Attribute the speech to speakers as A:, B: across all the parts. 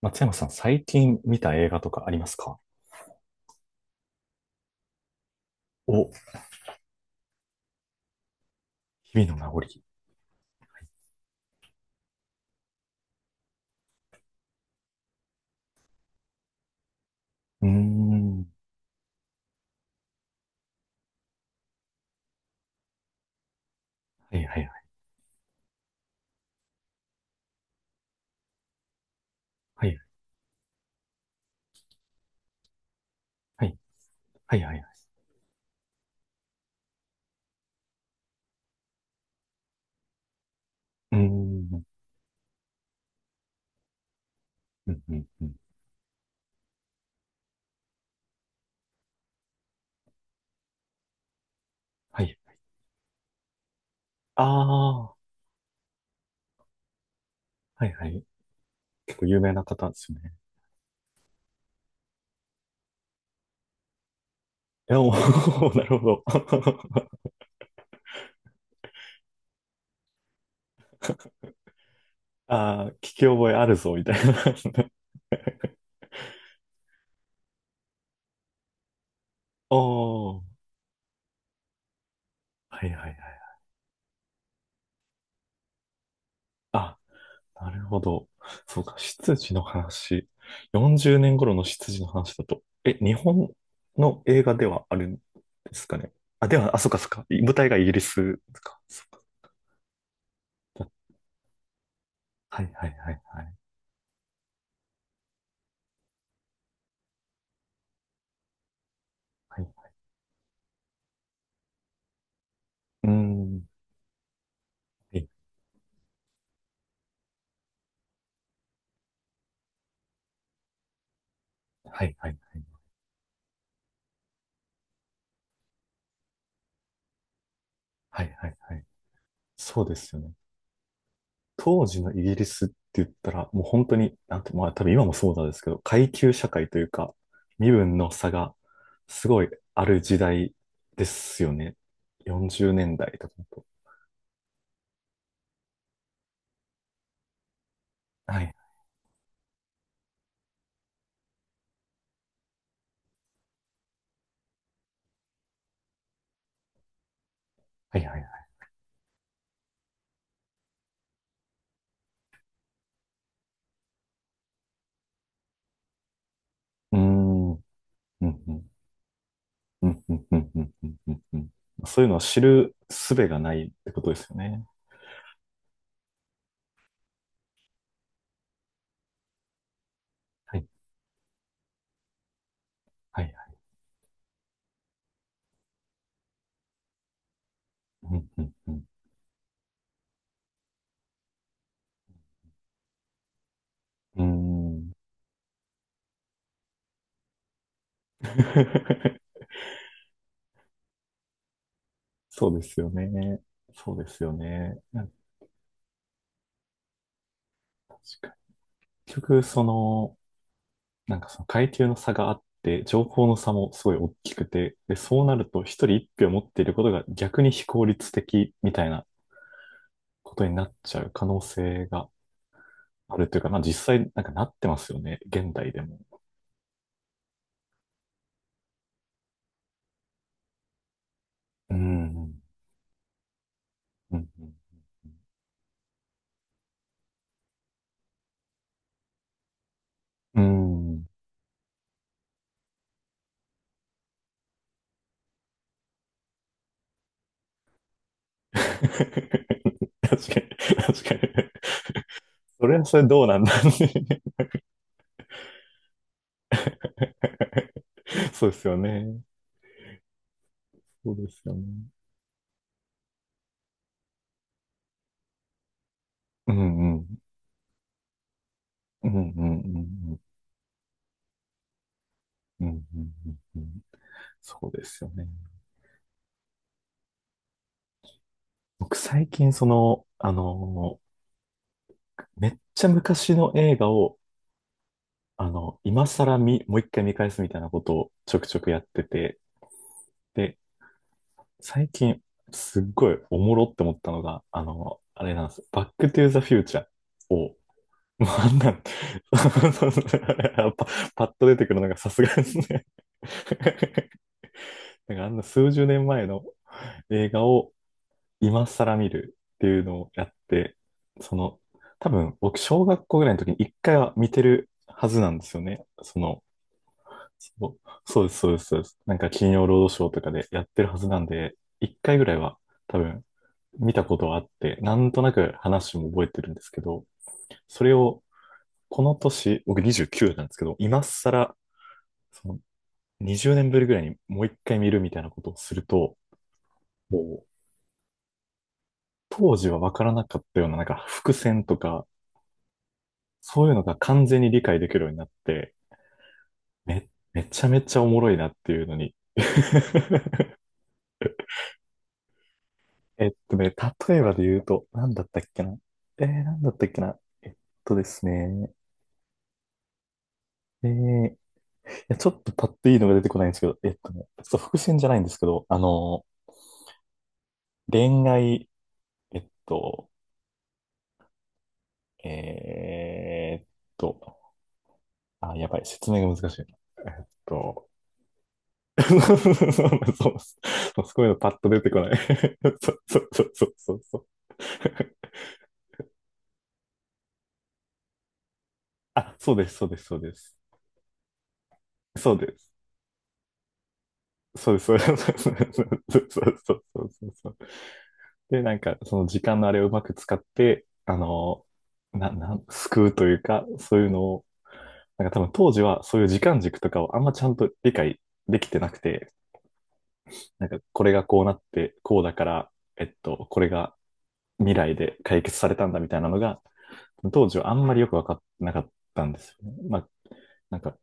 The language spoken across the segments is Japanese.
A: 松山さん、最近見た映画とかありますか？お、日々の名残。うーん。はいはいはい。はい。はいはいはい。うーん。うんうんうん。はい。ああ。はいはい。結構有名な方ですよね。いや、おー なるほど。ああ、聞き覚えあるぞ、みたいな。おー。はいはいはい。あ、なるほど。そうか、執事の話。40年頃の執事の話だと。え、日本の映画ではあるんですかね？あ、では、あ、そうかそうか。舞台がイギリスか。そうか。はいはいはいはい。はい、うーん。はいはいはいはい。はいはいはい。そうですよね。当時のイギリスって言ったら、もう本当に、なんて、まあ多分今もそうなんですけど、階級社会というか、身分の差がすごいある時代ですよね。40年代とかだと。はい、はい、はい、はい。うーん、うん、うん、うん、うん、うん、うん、うん、うんうん。そういうのを知る術がないってことですよね。はい、はい、はい。うん、うん、うん。うーん。そうですよね。そうですよね。なんか確かに結局、なんかその階級の差があって、情報の差もすごい大きくて、で、そうなると一人一票持っていることが逆に非効率的みたいなことになっちゃう可能性があるというか、まあ実際なんかなってますよね、現代でも。うん。うん。うん。うん 確かに、確かに。それはそれどうなんだね そうですよね。そうですよね。うんうん。うんうんうんうん。うんうんうんうん。そうですよね。僕最近めっちゃ昔の映画を、あの、今更見、もう一回見返すみたいなことをちょくちょくやってて、で、最近すっごいおもろって思ったのが、あれなんです。バックトゥーザフューチャーを、もうあんなん、パ、パッと出てくるのがさすがですね。なんかあんな数十年前の映画を今更見るっていうのをやって、その、多分僕、小学校ぐらいの時に一回は見てるはずなんですよね。そう、そうです、そうです、そうです。なんか金曜ロードショーとかでやってるはずなんで、一回ぐらいは多分見たことはあって、なんとなく話も覚えてるんですけど、それをこの年、僕29なんですけど、今更、その20年ぶりぐらいにもう一回見るみたいなことをすると、もう当時はわからなかったような、なんか伏線とか、そういうのが完全に理解できるようになって、め、めちゃめちゃおもろいなっていうのに。えっとね、例えばで言うと、なんだったっけな。なんだったっけな。えっとですね。いや、ちょっとパッといいのが出てこないんですけど、ちょっと伏線じゃないんですけど、恋愛、えっと、えーっと、あ、やばい、説明が難しいな。えっと、そうなんそうそうなんです。そうすごいうのパッと出てこない。そうそうそうそうそうそう。あ、そうです、そうです、そうです。そうです。そうです、そうです。そうですそうですそうそうそうそう。で、なんか、その時間のあれをうまく使って、あの、な、なん、救うというか、そういうのを、なんか多分当時はそういう時間軸とかをあんまちゃんと理解できてなくて、なんかこれがこうなって、こうだから、これが未来で解決されたんだみたいなのが、当時はあんまりよく分かってなかったんですよね。まあ、なんか、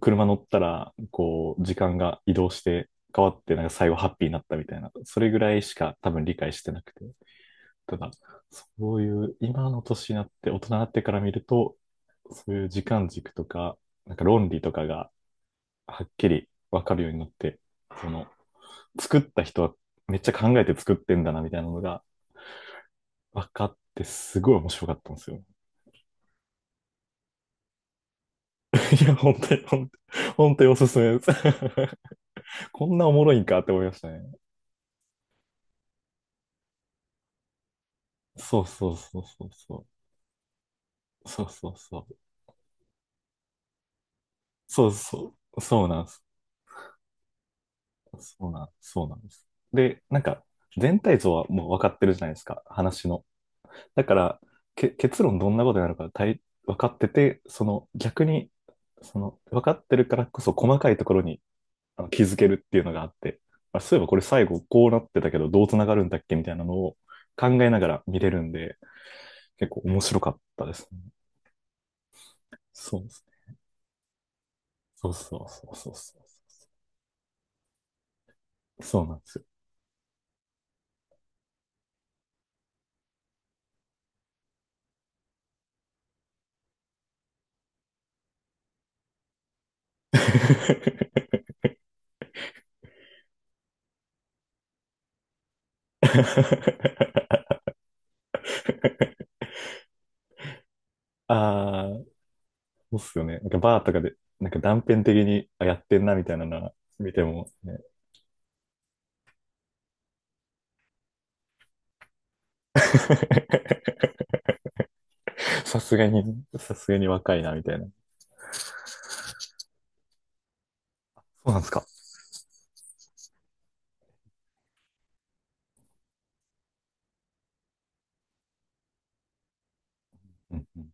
A: 車乗ったら、こう、時間が移動して変わって、なんか最後ハッピーになったみたいな、それぐらいしか多分理解してなくて。ただ、そういう今の年になって、大人になってから見ると、そういう時間軸とか、なんか論理とかがはっきりわかるようになって、その、作った人はめっちゃ考えて作ってんだなみたいなのが分かって、すごい面白かったんですよ。いや、本当に、本当に、本当におすすめです。こんなおもろいんかって思いましたね。そうそうそうそうそう。そうそうそう。そうそう。そうなんです。そうなん、そうなんです。で、なんか、全体像はもう分かってるじゃないですか、話の。だから、結論どんなことになるか大分かってて、その逆に、その分かってるからこそ細かいところに気づけるっていうのがあって、まあ、そういえばこれ最後こうなってたけどどうつながるんだっけみたいなのを考えながら見れるんで、結構面白かったですね。そうですね。そうそうそうそうそう。そうなんですよ。ああ、そうっすよね。なんかバーとかで、なんか断片的にあやってんなみたいなのは見ても、ね、さすがに、さすがに若いなみたいな。そうなんですか。うんうん、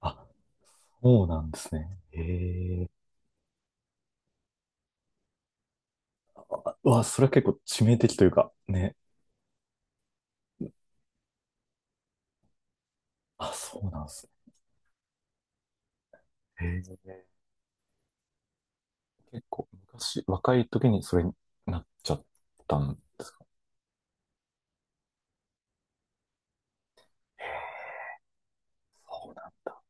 A: あ、そうなんですね。へえ。うわ、それは結構致命的というか、ね。あ、そうなんですね。へえ。結構昔、若い時にそれになっちゃったんですか？ええ、そうなんだ。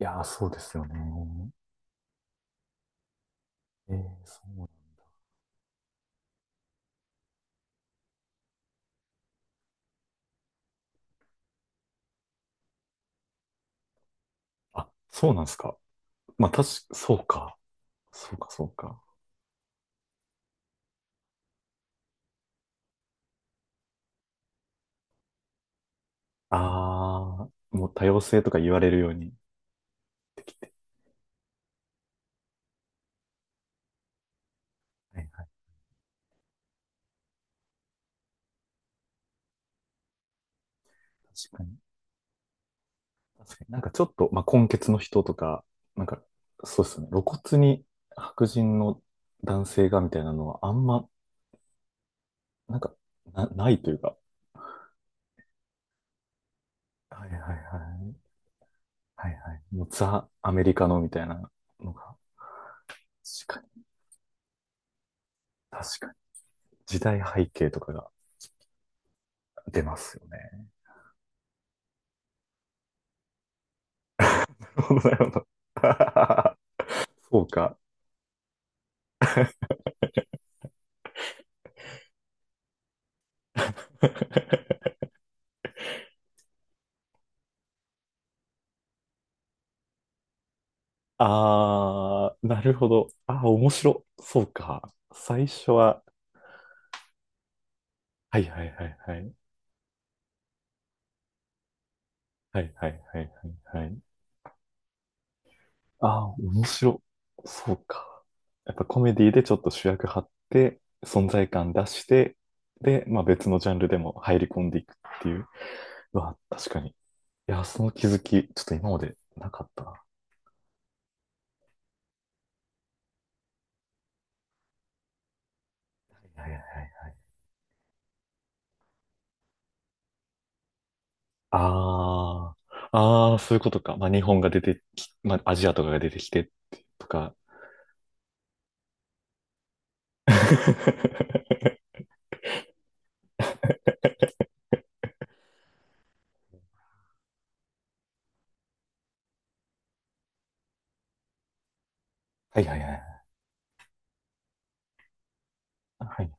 A: いやー、そうですよね。ええ、そうなん、あ、そうなんですか。まあ、確か、そうか。そうか、そうか。ああ、もう多様性とか言われるように。はいはい、確かに。確かになんかちょっと、まあ、混血の人とか、なんか、そうですね。露骨に白人の男性がみたいなのはあんま、なんか、ないというか。はいはいはい。はいはい。もうザ・アメリカのみたいなのが、確かに、確かに。時代背景とかが出ますよね。なるほど、そうか。あー、なるほど。あー、面白。そうか。最初は、はいはいはいはい。はいはいはいはいはい。あー、面白。そうか。やっぱコメディでちょっと主役張って、存在感出して、で、まあ別のジャンルでも入り込んでいくっていう。うわ、確かに。いや、その気づき、ちょっと今までなかったな。いやいや、ああー、ああ、そういうことか。まあ、日本が出てき、まあ、アジアとかが出てきて、とか。はいはいはい。はい。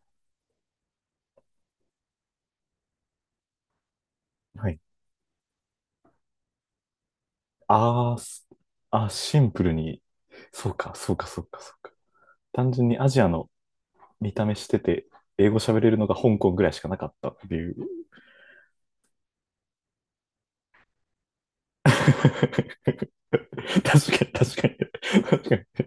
A: はい。あーすあ、シンプルに、そうか、そうか、そうか、そうか。単純にアジアの見た目してて、英語喋れるのが香港ぐらいしかなかったっていう。確かに、確かに。確かに。